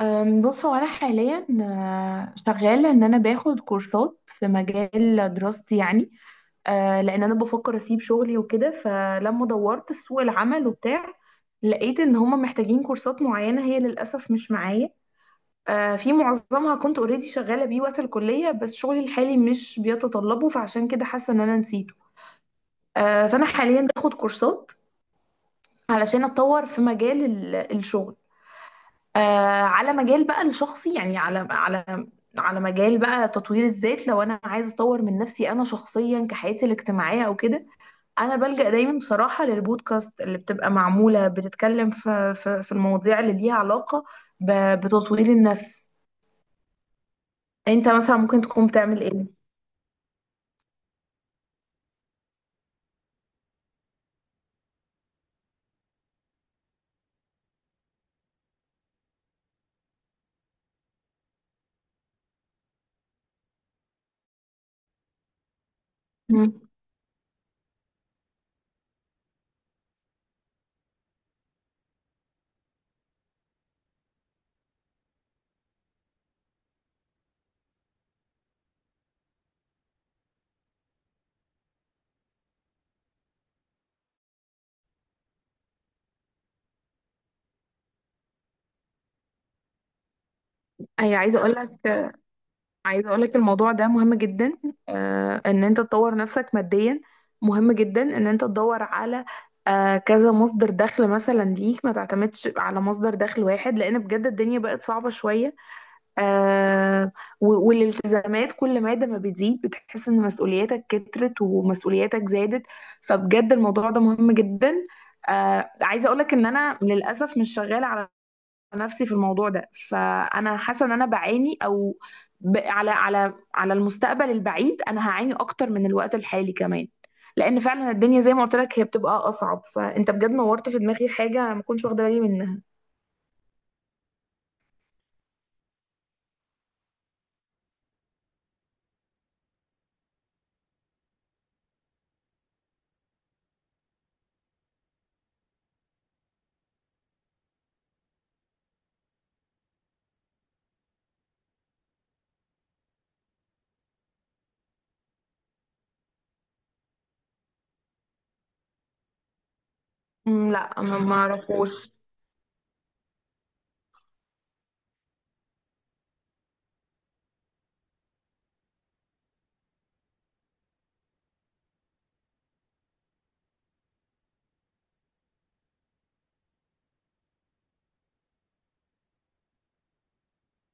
بص هو انا حاليا شغاله ان انا باخد كورسات في مجال دراستي يعني. لان انا بفكر اسيب شغلي وكده، فلما دورت في سوق العمل وبتاع لقيت ان هما محتاجين كورسات معينه هي للاسف مش معايا. في معظمها كنت اوريدي شغاله بيه وقت الكليه، بس شغلي الحالي مش بيتطلبه فعشان كده حاسه ان انا نسيته. فانا حاليا باخد كورسات علشان اتطور في مجال الشغل. آه. على مجال بقى الشخصي يعني على مجال بقى تطوير الذات. لو انا عايز اطور من نفسي انا شخصيا كحياتي الاجتماعيه او كده، انا بلجأ دايما بصراحه للبودكاست اللي بتبقى معموله، بتتكلم في المواضيع اللي ليها علاقه بتطوير النفس. انت مثلا ممكن تكون بتعمل ايه؟ مم. اي، عايزه اقول لك، الموضوع ده مهم جدا. ان انت تطور نفسك ماديا مهم جدا. ان انت تدور على كذا مصدر دخل مثلا ليك، ما تعتمدش على مصدر دخل واحد، لان بجد الدنيا بقت صعبه شويه. آه. والالتزامات كل ماده ما بتزيد بتحس ان مسؤولياتك كترت ومسؤولياتك زادت، فبجد الموضوع ده مهم جدا. عايزه اقول لك ان انا للاسف مش شغاله على نفسي في الموضوع ده، فانا حاسه ان انا بعاني، او على على المستقبل البعيد انا هعاني اكتر من الوقت الحالي كمان، لان فعلا الدنيا زي ما قلت لك هي بتبقى اصعب. فانت بجد نورت في دماغي حاجه ما كنتش واخده بالي منها. مم، لا، ما اعرفوش.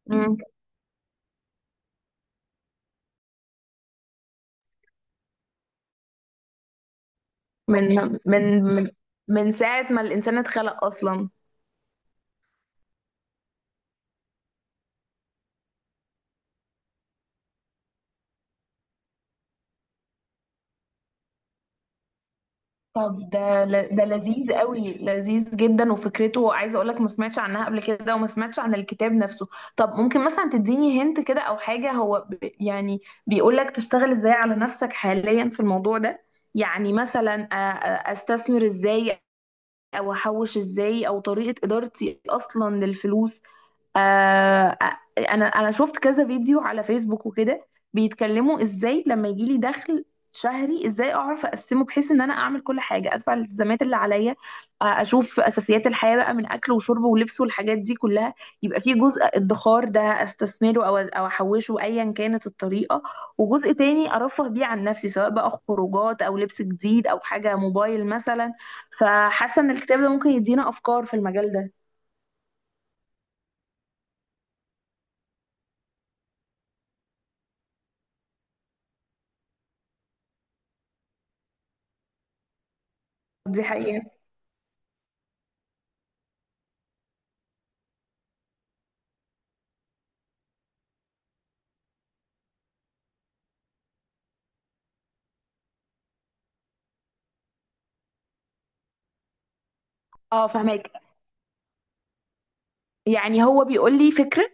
مم، من من من من ساعه ما الانسان اتخلق اصلا. طب ده ده لذيذ قوي، لذيذ جدا، وفكرته عايزه اقول لك ما سمعتش عنها قبل كده وما سمعتش عن الكتاب نفسه. طب ممكن مثلا تديني هنت كده او حاجه، هو يعني بيقول لك تشتغل ازاي على نفسك حاليا في الموضوع ده؟ يعني مثلا استثمر ازاي، او احوش ازاي، او طريقه ادارتي اصلا للفلوس؟ آه. انا شفت كذا فيديو على فيسبوك وكده بيتكلموا ازاي لما يجيلي دخل شهري ازاي اعرف اقسمه بحيث ان انا اعمل كل حاجه، ادفع الالتزامات اللي عليا، اشوف اساسيات الحياه بقى من اكل وشرب ولبس والحاجات دي كلها. يبقى في جزء ادخار ده استثمره او احوشه ايا كانت الطريقه، وجزء تاني ارفه بيه عن نفسي سواء بقى خروجات او لبس جديد او حاجه موبايل مثلا. فحاسه ان الكتاب ده ممكن يدينا افكار في المجال ده. دي حقيقه. اه، فهماك. يعني هو بيقول لي فكرة.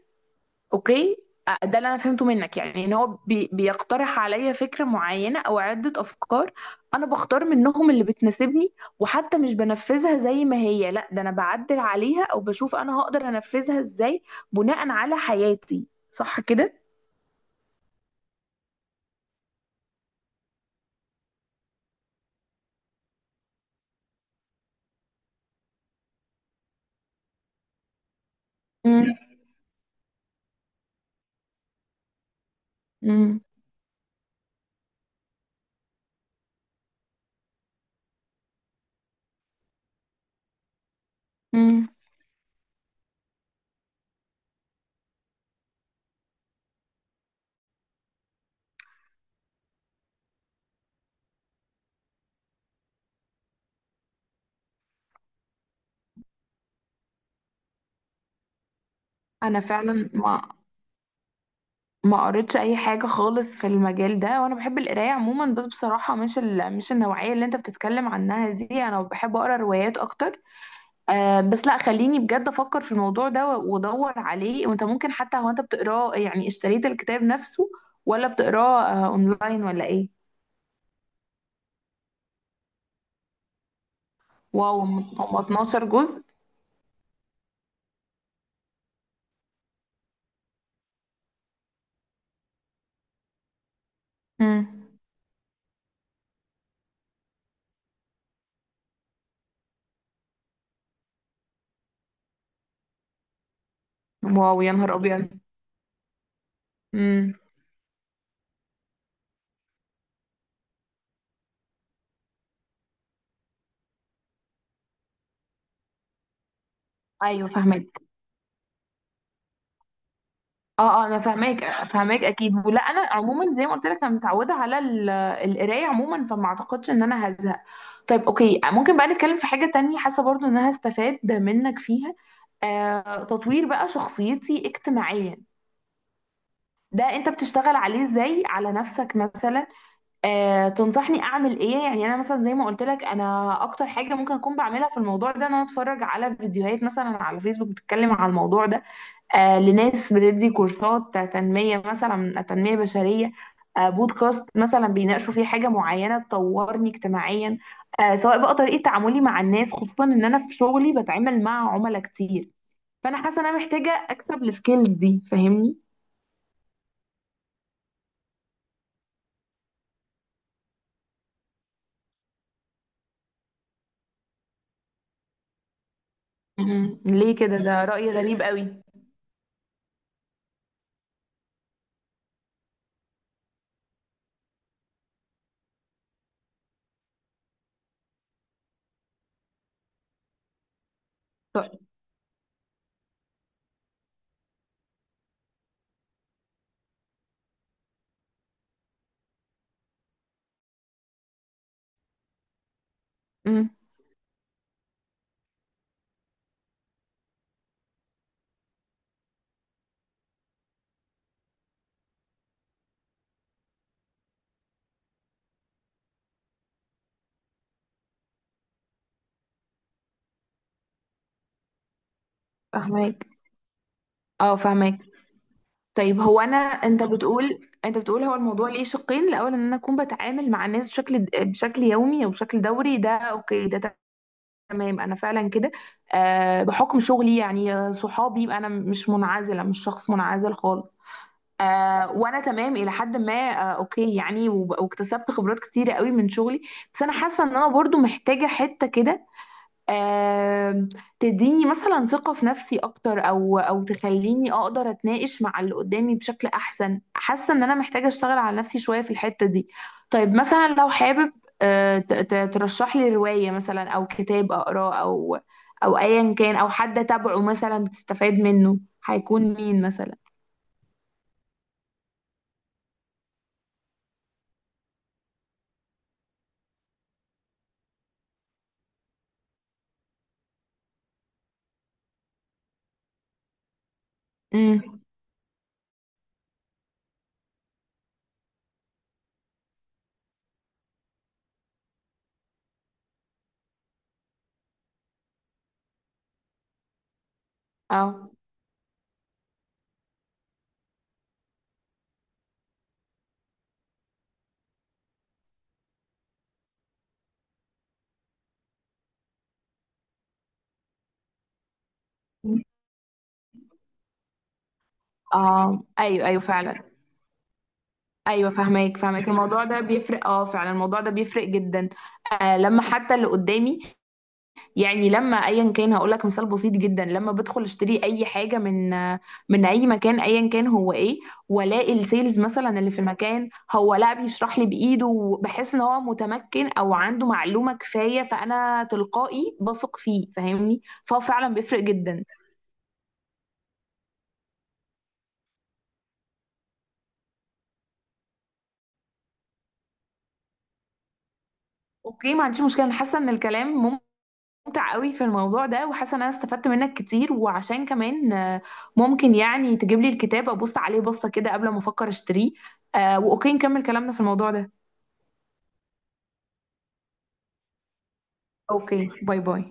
اوكي. ده اللي انا فهمته منك، يعني ان هو بيقترح عليا فكرة معينة او عدة افكار، انا بختار منهم اللي بتناسبني، وحتى مش بنفذها زي ما هي، لا ده انا بعدل عليها او بشوف انا هقدر انفذها ازاي بناء على حياتي، صح كده؟ مم. مم. مم. انا فعلا ما قريتش اي حاجة خالص في المجال ده، وانا بحب القراية عموما، بس بصراحة مش مش النوعية اللي انت بتتكلم عنها دي، انا بحب اقرا روايات اكتر. بس لا، خليني بجد افكر في الموضوع ده وادور عليه. وانت ممكن، حتى هو انت بتقراه يعني، اشتريت الكتاب نفسه ولا بتقراه اونلاين، ولا ايه؟ واو، هم 12 جزء؟ امم. واو، يا نهار ابيض. امم. ايوه فاهمك. اه، اه انا فاهماك، فاهماك اكيد. ولا انا عموما زي ما قلت لك، انا متعوده على القرايه عموما، فما اعتقدش ان انا هزهق. طيب، اوكي. ممكن بقى نتكلم في حاجه تانية؟ حاسه برضو ان انا هستفاد منك فيها. تطوير بقى شخصيتي اجتماعيا ده انت بتشتغل عليه ازاي على نفسك مثلا؟ آه، تنصحني اعمل ايه؟ يعني انا مثلا زي ما قلت لك، انا اكتر حاجه ممكن اكون بعملها في الموضوع ده ان انا اتفرج على فيديوهات مثلا على فيسبوك بتتكلم على الموضوع ده، لناس بتدي كورسات تنميه مثلا، تنميه بشريه. بودكاست مثلا بيناقشوا فيه حاجه معينه تطورني اجتماعيا، سواء بقى طريقه تعاملي مع الناس، خصوصا ان انا في شغلي بتعامل مع عملاء كتير. فانا حاسه ان انا محتاجه اكسب السكيلز دي، فاهمني؟ مم. ليه كده؟ ده رأي غريب قوي. طيب. مم. فهماك. اه فهماك. طيب هو، انا، انت بتقول هو الموضوع ليه شقين. الاول ان انا اكون بتعامل مع الناس بشكل يومي او بشكل دوري، ده اوكي. ده تمام انا فعلا كده. بحكم شغلي يعني. صحابي. يبقى انا مش منعزله، مش شخص منعزل خالص. وانا تمام الى حد ما. اوكي يعني. واكتسبت خبرات كتيره قوي من شغلي. بس انا حاسه ان انا برضو محتاجه حته كده. آم، تديني مثلا ثقة في نفسي أكتر، أو تخليني أقدر أتناقش مع اللي قدامي بشكل أحسن. حاسة إن أنا محتاجة أشتغل على نفسي شوية في الحتة دي. طيب، مثلا لو حابب ترشح لي رواية مثلا، أو كتاب أقراه، أو أيا كان، أو حد أتابعه مثلا بتستفاد منه، هيكون مين مثلا؟ امم. أه. اه. ايوه، ايوه فعلا. ايوه فاهمك، فاهمك. الموضوع ده بيفرق، اه فعلا الموضوع ده بيفرق جدا. لما حتى اللي قدامي، يعني لما ايا كان، هقول لك مثال بسيط جدا. لما بدخل اشتري اي حاجه من اي مكان، ايا كان هو ايه، والاقي السيلز مثلا اللي في المكان هو لا بيشرح لي بايده، وبحس ان هو متمكن او عنده معلومه كفايه، فانا تلقائي بثق فيه، فاهمني؟ فهو فعلا بيفرق جدا. اوكي، ما عنديش مشكله. انا حاسه ان الكلام ممتع قوي في الموضوع ده، وحاسه ان انا استفدت منك كتير. وعشان كمان ممكن يعني تجيب لي الكتاب ابص عليه بصه كده قبل ما افكر اشتريه، واوكي نكمل كلامنا في الموضوع ده. اوكي، باي باي.